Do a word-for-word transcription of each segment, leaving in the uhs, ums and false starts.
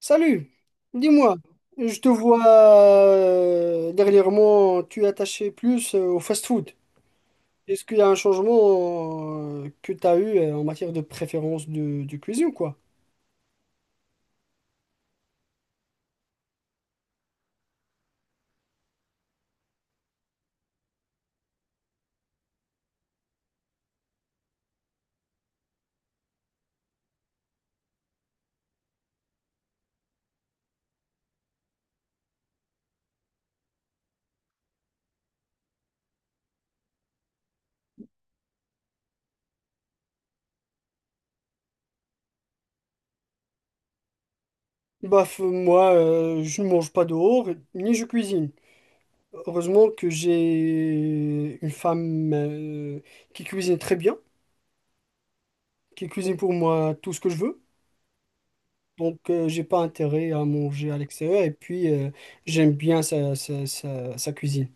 Salut, dis-moi, je te vois euh, dernièrement, tu es attaché plus euh, au fast-food. Est-ce qu'il y a un changement euh, que tu as eu euh, en matière de préférence de, de cuisine, quoi? Bah, f- moi, euh, je ne mange pas dehors, ni je cuisine. Heureusement que j'ai une femme euh, qui cuisine très bien, qui cuisine pour moi tout ce que je veux. Donc, euh, j'ai pas intérêt à manger à l'extérieur et puis euh, j'aime bien sa, sa sa- sa cuisine.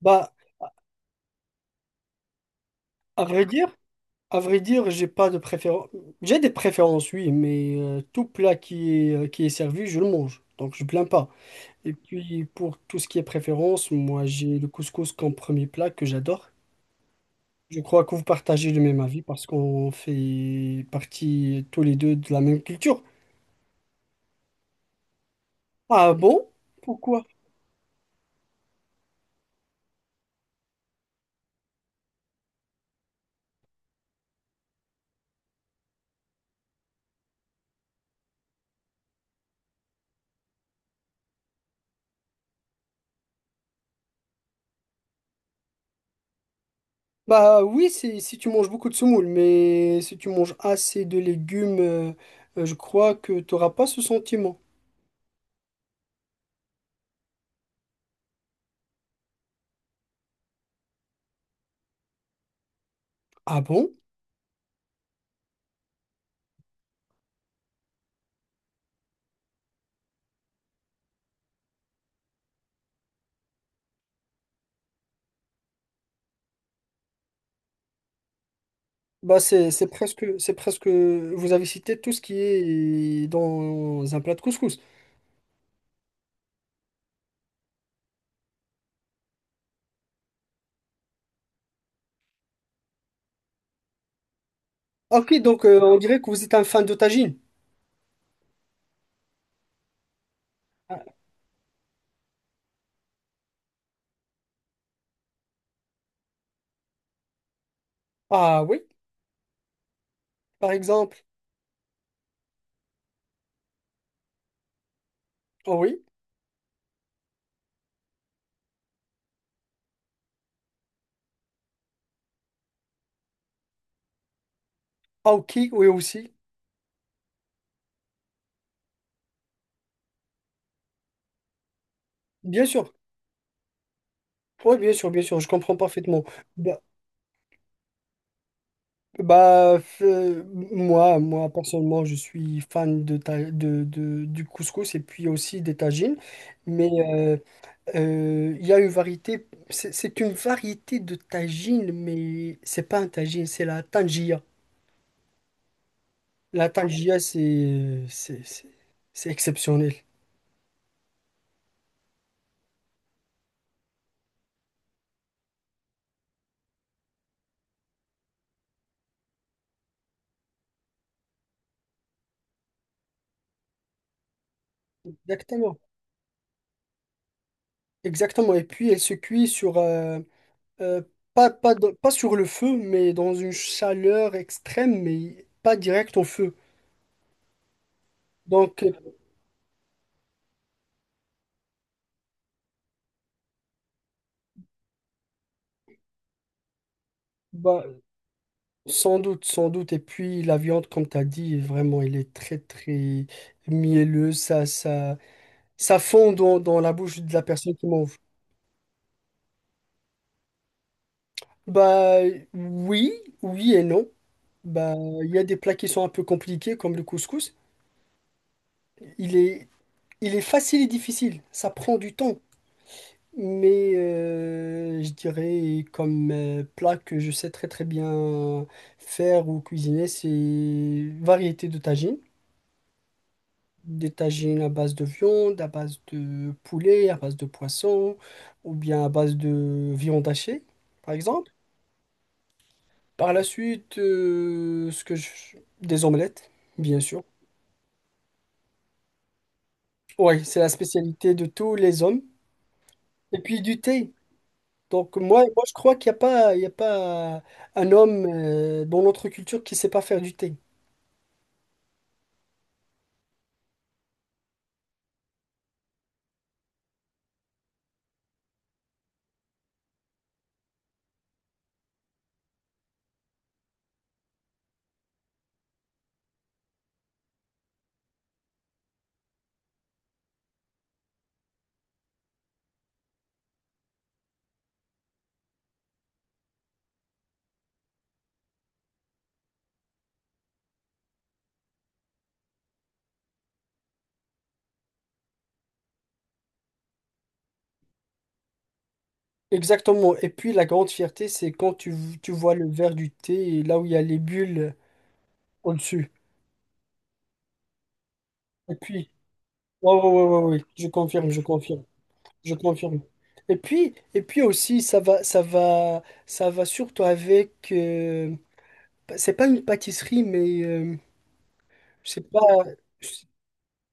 Bah, à vrai dire, à vrai dire, j'ai pas de préférence. J'ai des préférences, oui, mais euh, tout plat qui est, euh, qui est servi, je le mange. Donc je plains pas. Et puis pour tout ce qui est préférence, moi j'ai le couscous comme premier plat que j'adore. Je crois que vous partagez le même avis parce qu'on fait partie tous les deux de la même culture. Ah bon? Pourquoi? Bah oui, c'est si tu manges beaucoup de semoule, mais si tu manges assez de légumes, euh, euh, je crois que tu n'auras pas ce sentiment. Ah bon? Bah c'est c'est presque c'est presque vous avez cité tout ce qui est dans un plat de couscous. Ah, ok, donc euh, on dirait que vous êtes un fan de tagine. Ah oui, par exemple. Ah oui. Ah ok, oui aussi. Bien sûr. Oui, bien sûr, bien sûr, je comprends parfaitement. Bah, bah, euh, moi, moi, personnellement, je suis fan de, ta- de, de- du couscous et puis aussi des tagines. Mais euh, Euh, il y a une variété, c'est c'est une variété de tagine, mais c'est pas un tagine, c'est la tangia. La tangia, c'est c'est c'est- c'est exceptionnel. Exactement, exactement. Et puis elle se cuit sur euh, euh, pas pas dans- pas sur le feu, mais dans une chaleur extrême, mais pas direct au feu. Donc, euh, bah, sans doute, sans doute. Et puis la viande, comme tu as dit, vraiment, elle est très très mielleuse. Ça ça Ça fond dans, dans la bouche de la personne qui mange. Bah oui, oui et non. Bah il y a des plats qui sont un peu compliqués comme le couscous. Il est, il est facile et difficile. Ça prend du temps. Mais euh, je dirais comme euh, plat que je sais très très bien faire ou cuisiner, c'est variété de tagines. Des tagines à base de viande, à base de poulet, à base de poisson, ou bien à base de viande hachée, par exemple. Par la suite, euh, ce que je... des omelettes, bien sûr. Oui, c'est la spécialité de tous les hommes. Et puis du thé. Donc moi, moi je crois qu'il n'y a pas, il y a pas un homme euh, dans notre culture qui ne sait pas faire du thé. Exactement. Et puis la grande fierté, c'est quand tu, tu vois le verre du thé et là où il y a les bulles au-dessus. Et puis, oui, oui, oui, oui, je confirme, je confirme, je confirme. Et puis, et puis aussi, ça va, ça va, ça va surtout avec... euh, c'est pas une pâtisserie, mais euh, je sais pas. je-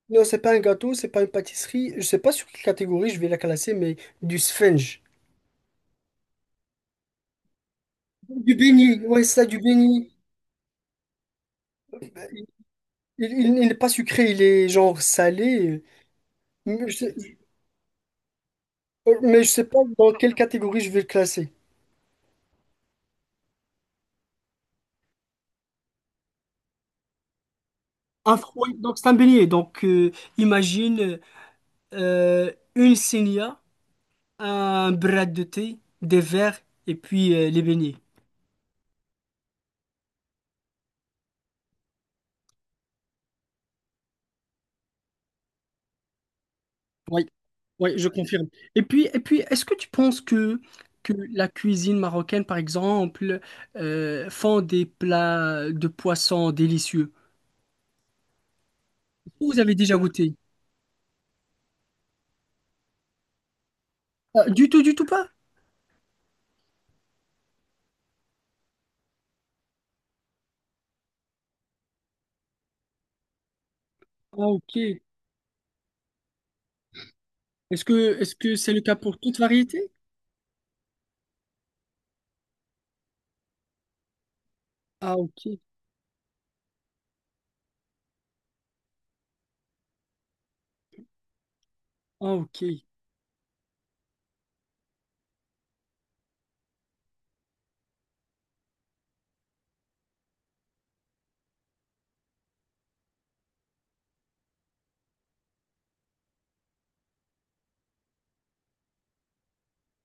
Non, c'est pas un gâteau, c'est pas une pâtisserie. Je sais pas sur quelle catégorie je vais la classer, mais du sponge. Du béni, ouais, ça, du béni. Il, il- il n'est pas sucré, il est genre salé. Mais je sais, mais je sais pas dans quelle catégorie je vais le classer. Un fruit, donc c'est un beignet. Donc euh, imagine euh, une sénia, un bras de thé, des verres et puis euh, les beignets. Oui, oui, je confirme. Et puis, et puis, est-ce que tu penses que, que la cuisine marocaine, par exemple, euh, font des plats de poissons délicieux? Vous avez déjà goûté? Ah, du tout, du tout pas? Ah, ok. Est-ce que, est-ce que c'est le cas pour toute variété? Ah, ok. Ah, ok.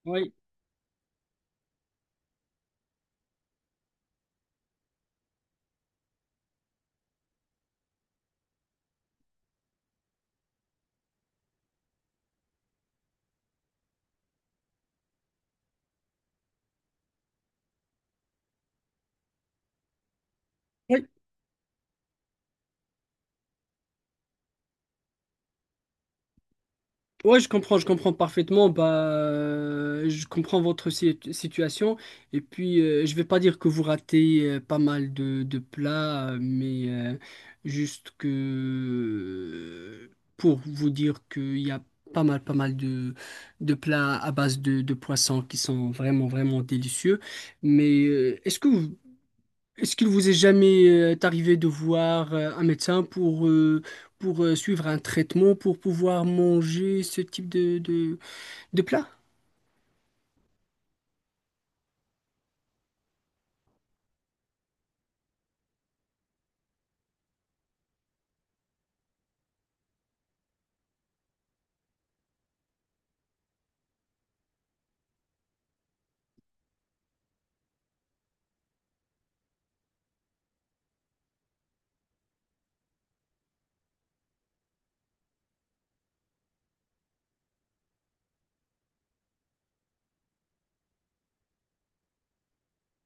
Oui. Oui, ouais, je comprends, je comprends parfaitement. Bah, euh, je comprends votre si- situation. Et puis, euh, je vais pas dire que vous ratez euh, pas mal de, de plats, euh, mais euh, juste que euh, pour vous dire qu'il y a pas mal, pas mal de, de plats à base de, de poissons qui sont vraiment, vraiment délicieux. Mais euh, est-ce que vous, est-ce qu'il vous est jamais euh, arrivé de voir euh, un médecin pour, euh, pour euh, suivre un traitement, pour pouvoir manger ce type de, de, de plat?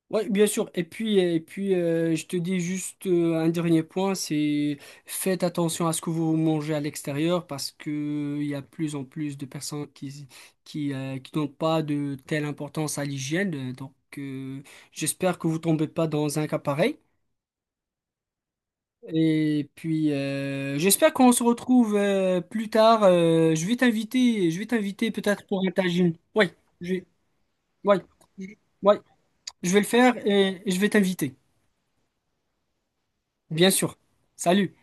Oui, bien sûr. Et puis, euh, et puis euh, je te dis juste euh, un dernier point, c'est faites attention à ce que vous mangez à l'extérieur parce que euh, il y a de plus en plus de personnes qui, qui, euh, qui n'ont pas de telle importance à l'hygiène. Donc, euh, j'espère que vous tombez pas dans un cas pareil. Et puis, euh, j'espère qu'on se retrouve euh, plus tard. Euh, je vais t'inviter, je vais t'inviter peut-être pour un tagine. Oui, je vais, ouais, je- ouais, je vais le faire et je vais t'inviter, bien sûr. Salut.